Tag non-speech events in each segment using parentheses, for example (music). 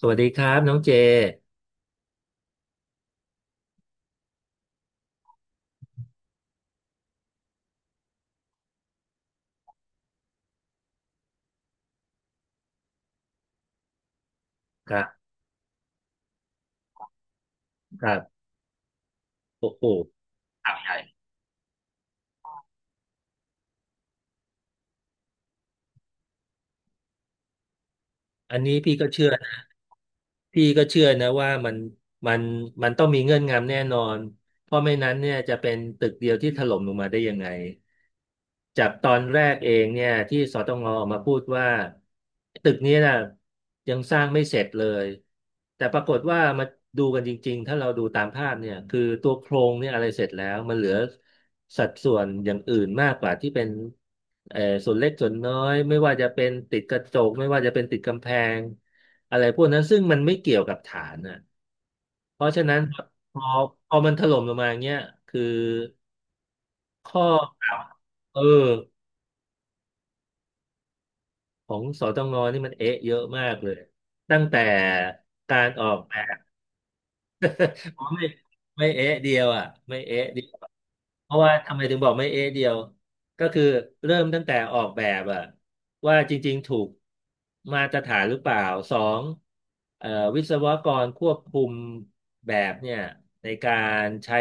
สวัสดีครับน้องเจครับครับโอ้โหอันนี้พี่ก็เชื่อนะว่ามันมันต้องมีเงื่อนงำแน่นอนเพราะไม่นั้นเนี่ยจะเป็นตึกเดียวที่ถล่มลงมาได้ยังไง จากตอนแรกเองเนี่ยที่สตงออกมาพูดว่าตึกนี้นะยังสร้างไม่เสร็จเลยแต่ปรากฏว่ามาดูกันจริงๆถ้าเราดูตามภาพเนี่ยคือตัวโครงเนี่ยอะไรเสร็จแล้วมันเหลือสัดส่วนอย่างอื่นมากกว่าที่เป็นส่วนเล็กส่วนน้อยไม่ว่าจะเป็นติดกระจกไม่ว่าจะเป็นติดกำแพงอะไรพวกนั้นซึ่งมันไม่เกี่ยวกับฐานน่ะเพราะฉะนั้นพอพอมันถล่มลงมาอย่างเงี้ยคือข้อกล่าวเออ ของสตงนี่มันเอ๊ะเยอะมากเลยตั้งแต่การออกแบบอ๋อไม่ไม่เอ๊ะเดียวอ่ะไม่เอ๊ะเดียวเพราะว่าทำไมถึงบอกไม่เอ๊ะเดียวก็คือเริ่มตั้งแต่ออกแบบอ่ะว่าจริงๆถูกมาตรฐานหรือเปล่าสองเอ่อวิศวกรควบคุมแบบเนี่ยในการใช้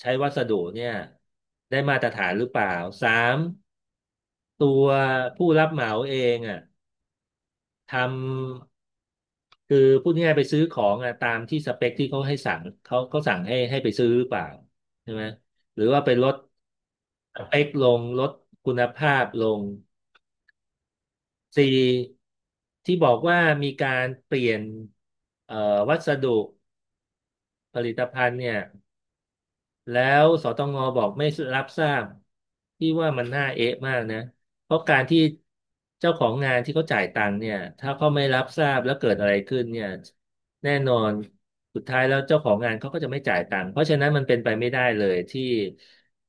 ใช้วัสดุเนี่ยได้มาตรฐานหรือเปล่าสามตัวผู้รับเหมาเองอ่ะ ทำคือพูดง่ายๆไปซื้อของอะตามที่สเปคที่เขาให้สั่งเขาสั่งให้ไปซื้อหรือเปล่าใช่ไหมหรือว่าไปลดสเปคลงลดคุณภาพลงสี่ที่บอกว่ามีการเปลี่ยนเอ่อวัสดุผลิตภัณฑ์เนี่ย แล้วสตงบอกไม่รับทราบที่ว่ามันน่าเอ๊ะมากนะเพราะการที่เจ้าของงานที่เขาจ่ายตังค์เนี่ยถ้าเขาไม่รับทราบแล้วเกิดอะไรขึ้นเนี่ยแน่นอนสุดท้ายแล้วเจ้าของงานเขาก็จะไม่จ่ายตังค์เพราะฉะนั้นมันเป็นไปไม่ได้เลยที่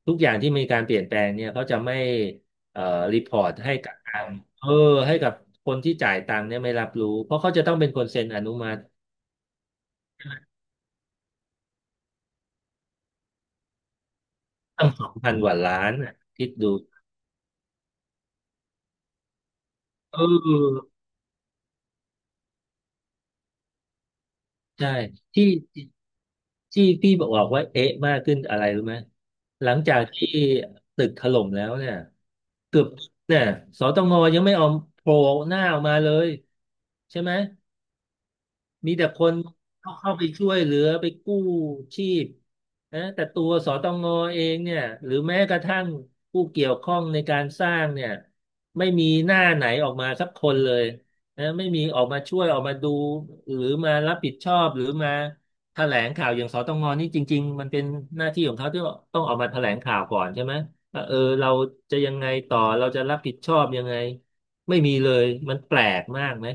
ทุกอย่างที่มีการเปลี่ยนแปลงเนี่ยเขาจะไม่เอ่อรีพอร์ตให้กับทางเออให้กับคนที่จ่ายตังค์เนี่ยไม่รับรู้เพราะเขาจะต้องเป็นคนเซ็นอนุมัติตั้ง2,000 กว่าล้านน่ะคิดดูเออใช่ที่ ที่พี่บอกว่าเอ๊ะมากขึ้นอะไรรู้ไหมหลังจากที่ตึกถล่มแล้วเนี่ยเกือบเนี่ยสตงยังไม่เอาโผล่หน้าออกมาเลยใช่ไหม มีแต่คนเข้าไปช่วยเหลือไปกู้ชีพนะแต่ตัวสตงเองเนี่ยหรือแม้กระทั่งผู้เกี่ยวข้องในการสร้างเนี่ยไม่มีหน้าไหนออกมาสักคนเลยนะไม่มีออกมาช่วยออกมาดูหรือมารับผิดชอบหรือมาแถลงข่าวอย่างสตงนี่จริงๆมันเป็นหน้าที่ของเขาที่ต้องออกมาแถลงข่าวก่อนใช่ไหมว่าเออเราจะยังไงต่อเราจะรับผิดชอบยังไงไม่มีเลยมันแปลกมากไหม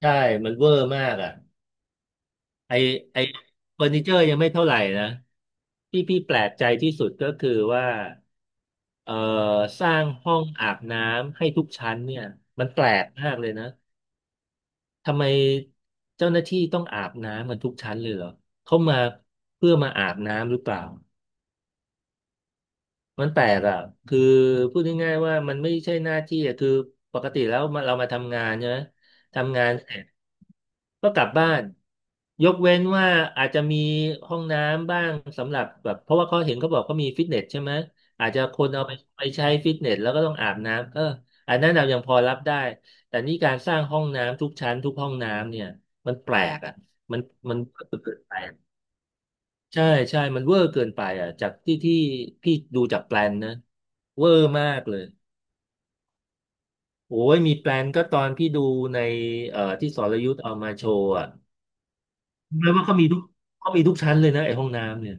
ใช่มันเวอร์มากอ่ะ ไอไอเฟอร์นิเจอร์ยังไม่เท่าไหร่นะที่พี่แปลกใจที่สุดก็คือว่าเอ่อสร้างห้องอาบน้ำให้ทุกชั้นเนี่ยมันแปลกมากเลยนะทำไมเจ้าหน้าที่ต้องอาบน้ำกันทุกชั้นเลยเหรอเขามาเพื่อมาอาบน้ำหรือเปล่า มันแปลกอ่ะคือพูดง่ายๆว่ามันไม่ใช่หน้าที่อ่ะคือปกติแล้วมาเรามาทำงานใช่ไหมทำงานเสร็จก็กลับบ้านยกเว้นว่าอาจจะมีห้องน้ำบ้างสำหรับแบบเพราะว่าเขาเห็นเขาบอกเขามีฟิตเนสใช่ไหมอาจจะคนเอาไปใช้ฟิตเนสแล้วก็ต้องอาบน้ำเอออันนั้นเรายังพอรับได้แต่นี่การสร้างห้องน้ำทุกชั้นทุกห้องน้ำเนี่ยมันแปลกอ่ะมันมันแปลก ใช่ใช่มันเวอร์เกินไปอ่ะจากที่พี่ดูจากแปลนนะเวอร์มากเลยโอ้ยมีแปลนก็ตอนพี่ดูในที่สรยุทธเอามาโชว์อ่ะรู้ไหมว่าเขามีทุกเขามีทุกชั้นเลยนะไอ้ห้องน้ำเนี่ย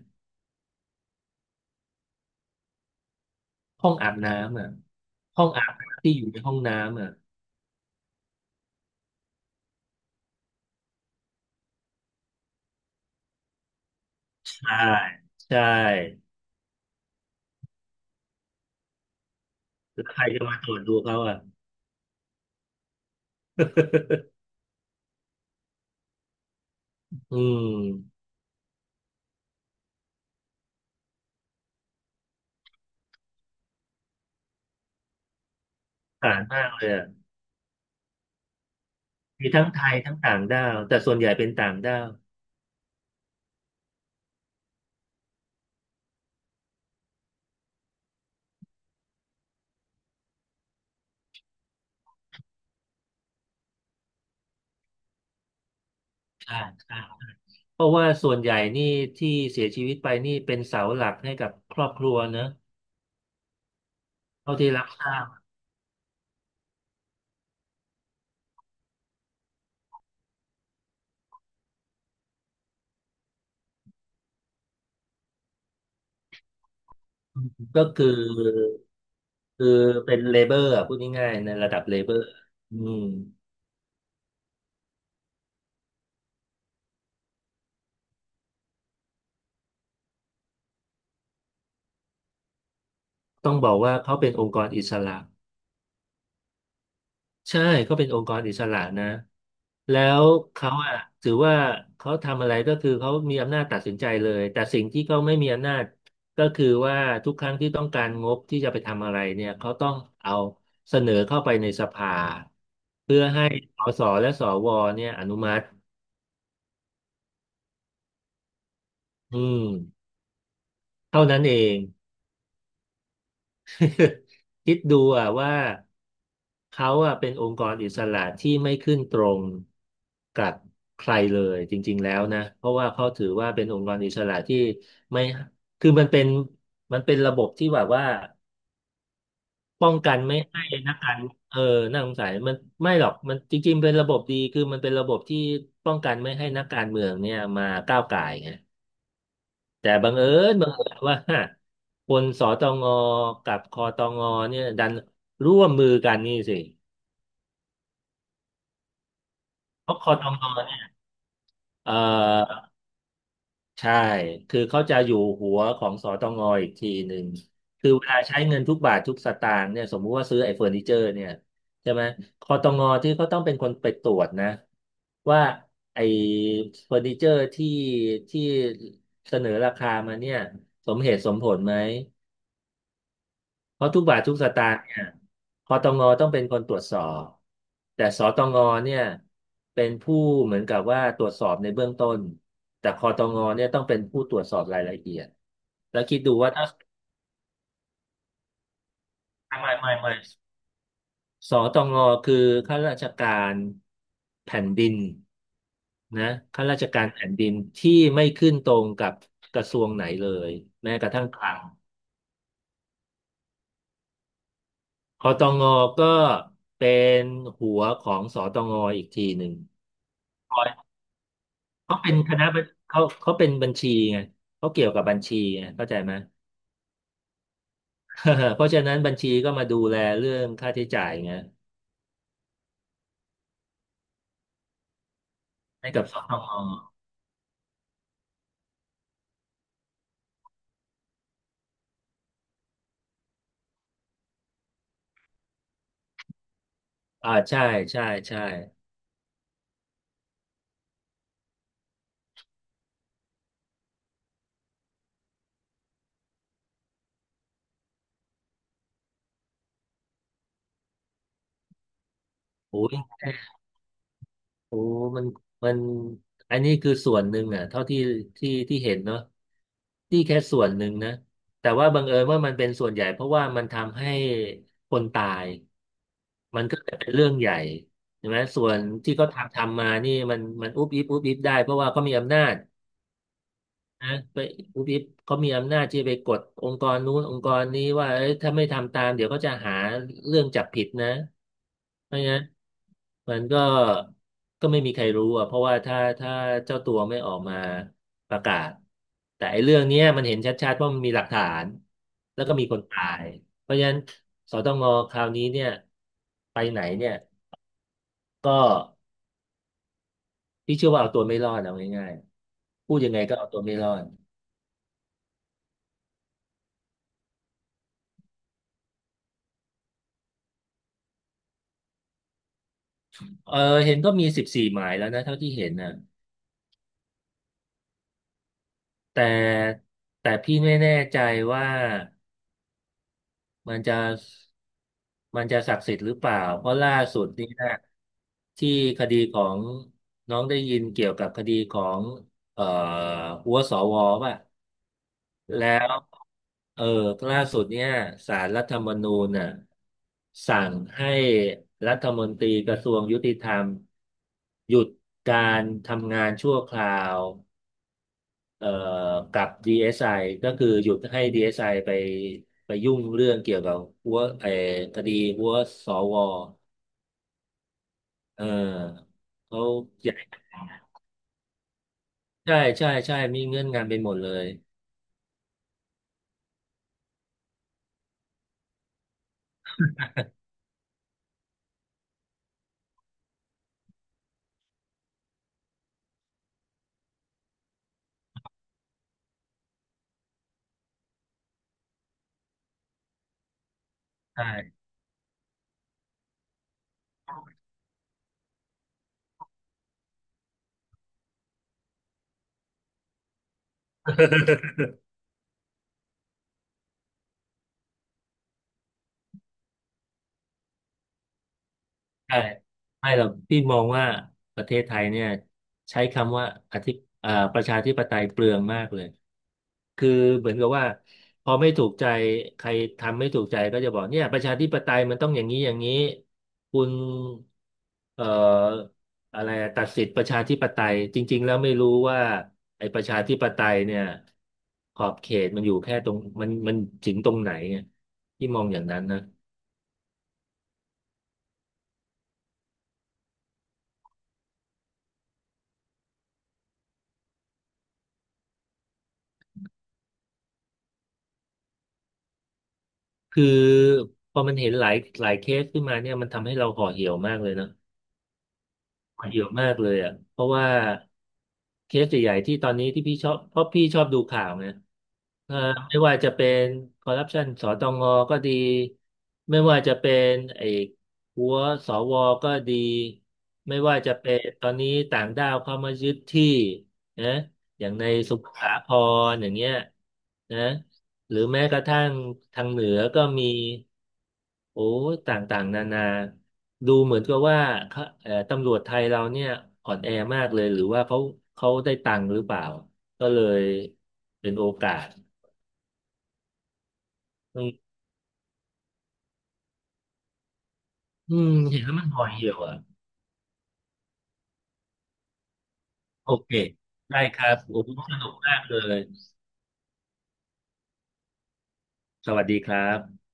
ห้องอาบน้ำอ่ะห้องอาบน้ำที่อยู่ในห้องน้ำอ่ะใช่ใช่แล้วใครจะมาตรวจดูเขาอ่ะอืมสงสารมากเลยอ่ะมีทั้งไทยทั้งต่างด้าวแต่ส่วนใหญ่เป็นต่างด้าวใช่ใช่ เพราะว่าส่วนใหญ่นี่ที่เสียชีวิตไปนี่เป็นเสาหลักให้กับครอบครัวเนอะเท่าที่รับทราบอืมก็คือเป็นเลเบอร์พูดง่ายๆในระดับเลเบอร์อืมต้องบอกว่าเขาเป็นองค์กรอิสระ ใช่ก็เป็นองค์กรอิสระนะแล้วเขาอะถือว่าเขาทำอะไรก็คือเขามีอำนาจตัดสินใจเลยแต่สิ่งที่เขาไม่มีอำนาจก็คือว่าทุกครั้งที่ต้องการงบที่จะไปทำอะไรเนี่ยเขาต้องเอาเสนอเข้าไปในสภาเพื่อให้สสและสวเนี่ยอนุมัติอืมเท่านั้นเอง (laughs) คิดดูอ่ะว่าเขาอ่ะเป็นองค์กรอิสระที่ไม่ขึ้นตรงกับใครเลยจริงๆแล้วนะเพราะว่าเขาถือว่าเป็นองค์กรอิสระที่ไม่คือมันเป็นมันเป็นระบบที่แบบว่าป้องกันไม่ให้นักการเออน่าสงสัยมันไม่หรอกมันจริงๆเป็นระบบดีคือมันเป็นระบบที่ป้องกันไม่ให้นักการเมืองเนี่ยมาก้าวก่ายไง แต่บังเอิญว่าคนสตงกับคอตงเนี่ยดันร่วมมือกันนี่สิเพราะคอตงเนี่ยเออใช่คือเขาจะอยู่หัวของสตงอีกทีหนึ่งคือเวลาใช้เงินทุกบาททุกสตางค์เนี่ยสมมุติว่าซื้อไอ้เฟอร์นิเจอร์เนี่ยใช่ไหมคอตงที่เขาต้องเป็นคนไปตรวจนะว่าไอ้เฟอร์นิเจอร์ที่เสนอราคามาเนี่ยสมเหตุสมผลไหม เพราะทุกบาททุกสตางค์เนี่ยคอตงต้องเป็นคนตรวจสอบแต่สตงเนี่ยเป็นผู้เหมือนกับว่าตรวจสอบในเบื้องต้นแต่คอตงเนี่ยต้องเป็นผู้ตรวจสอบรายละเอียดแล้วคิดดูว่าถ้าไม่สตงคือข้าราชการแผ่นดินนะข้าราชการแผ่นดินที่ไม่ขึ้นตรงกับกระทรวงไหนเลยแม้กระทั่งคลังคอตงก็เป็นหัวของสตงอีกทีหนึ่งคอย เขาเป็นคณะบัญเขาเขาเป็นบัญชีไงเขาเกี่ยวกับบัญชีไงเข้าใจไหม (laughs) เพราะฉะนั้นบัญชีก็มาดูแลเรื่องค่าใช้จ่ายไงให้กับสตงอ่าใช่ใช่ใช่โอ้ย โอ้มันมันอันนี้คือส่วนหนึ่งอ่ะเท่าที่ที่เห็นเนาะที่แค่ส่วนหนึ่งนะ แต่ว่าบังเอิญว่ามันเป็นส่วนใหญ่เพราะว่ามันทำให้คนตายมันก็เลยเป็นเรื่องใหญ่ใช่ไหมส่วนที่เขาทำทำมานี่มันอุ๊บอิ๊บอุ๊บอิ๊บได้เพราะว่าเขามีอำนาจ นะไปผู้พิพเขามีอำนาจที่จะไปกดองค์กรนู้นองค์กรนี้ว่าเอ้ยถ้าไม่ทำตามเดี๋ยวก็จะหาเรื่องจับผิดนะไม่งั้นมันก็ไม่มีใครรู้อ่ะเพราะว่าถ้าเจ้าตัวไม่ออกมาประกาศแต่ไอ้เรื่องเนี้ยมันเห็นชัดๆว่ามันมีหลักฐานแล้วก็มีคนตายเพราะฉะนั้นสตงคราวนี้เนี่ยไปไหนเนี่ยก็พี่เชื่อว่าเอาตัวไม่รอดเอาง่ายๆพูดยังไงก็เอาตัวไม่รอด เออเห็นก็มี14 หมายแล้วนะเท่าที่เห็นนะแต่แต่พี่ไม่แน่ใจว่ามันจะมันจะศักดิ์สิทธิ์หรือเปล่าเพราะล่าสุดนี่นะที่คดีของน้องได้ยินเกี่ยวกับคดีของเอ่อหัวสวป่ะแล้วเออล่าสุดเนี่ยศาลรัฐธรรมนูญน่ะสั่งให้รัฐมนตรีกระทรวงยุติธรรมหยุดการทำงานชั่วคราว เอ่อกับ DSI ก็คือหยุดให้ DSI ไอไปไปยุ่งเรื่องเกี่ยวกับหัวไอ้คดีหัวสวเออเขาใหญ่ใช่ใช่ใช่มีเงื่อนงำไปหมดเลยใช่ใช่ไม่หรอกพี่มองว่าประเทศไทยเนี่ยใช้คำว่าอธิประชาธิปไตยเปลืองมากเลย คือเหมือนกับว่าพอไม่ถูกใจใครทำไม่ถูกใจก็จะบอกเนี่ยประชาธิปไตยมันต้องอย่างนี้อย่างนี้คุณเอ่ออะไรอะตัดสิทธิประชาธิปไตยจริงๆแล้วไม่รู้ว่าไอ้ประชาธิปไตยเนี่ยขอบเขตมันอยู่แค่ตรงมันถึงตรงไหนเนี่ยที่มองอย่างนั้นนะคือพอมันเห็นหลายเคสขึ้นมาเนี่ยมันทำให้เราห่อเหี่ยวมากเลยนะ เยอะมากเลยอ่ะเพราะว่าเคสใหญ่ๆที่ตอนนี้ที่พี่ชอบเพราะพี่ชอบดูข่าวเนี่ยเอ่อไม่ว่าจะเป็นคอร์รัปชันสตงก็ดีไม่ว่าจะเป็นไอ้หัวสวก็ดีไม่ว่าจะเป็นตอนนี้ต่างด้าวเข้ามายึดที่นะอย่างในสมุทรสาครอย่างเงี้ยนะ หรือแม้กระทั่งทางเหนือก็มีโอ้ยต่างๆนานาดูเหมือนกับว่าเขาตำรวจไทยเราเนี่ยอ่อนแอมากเลยหรือว่าเขาได้ตังค์หรือเปล่าก็เลยเป็นโอกาสอืมอืมเห็นแล้วมันห่อเหี่ยวอ่ะโอเคได้ครับโอ้โหสนุกมากเลยสวัสดีครับ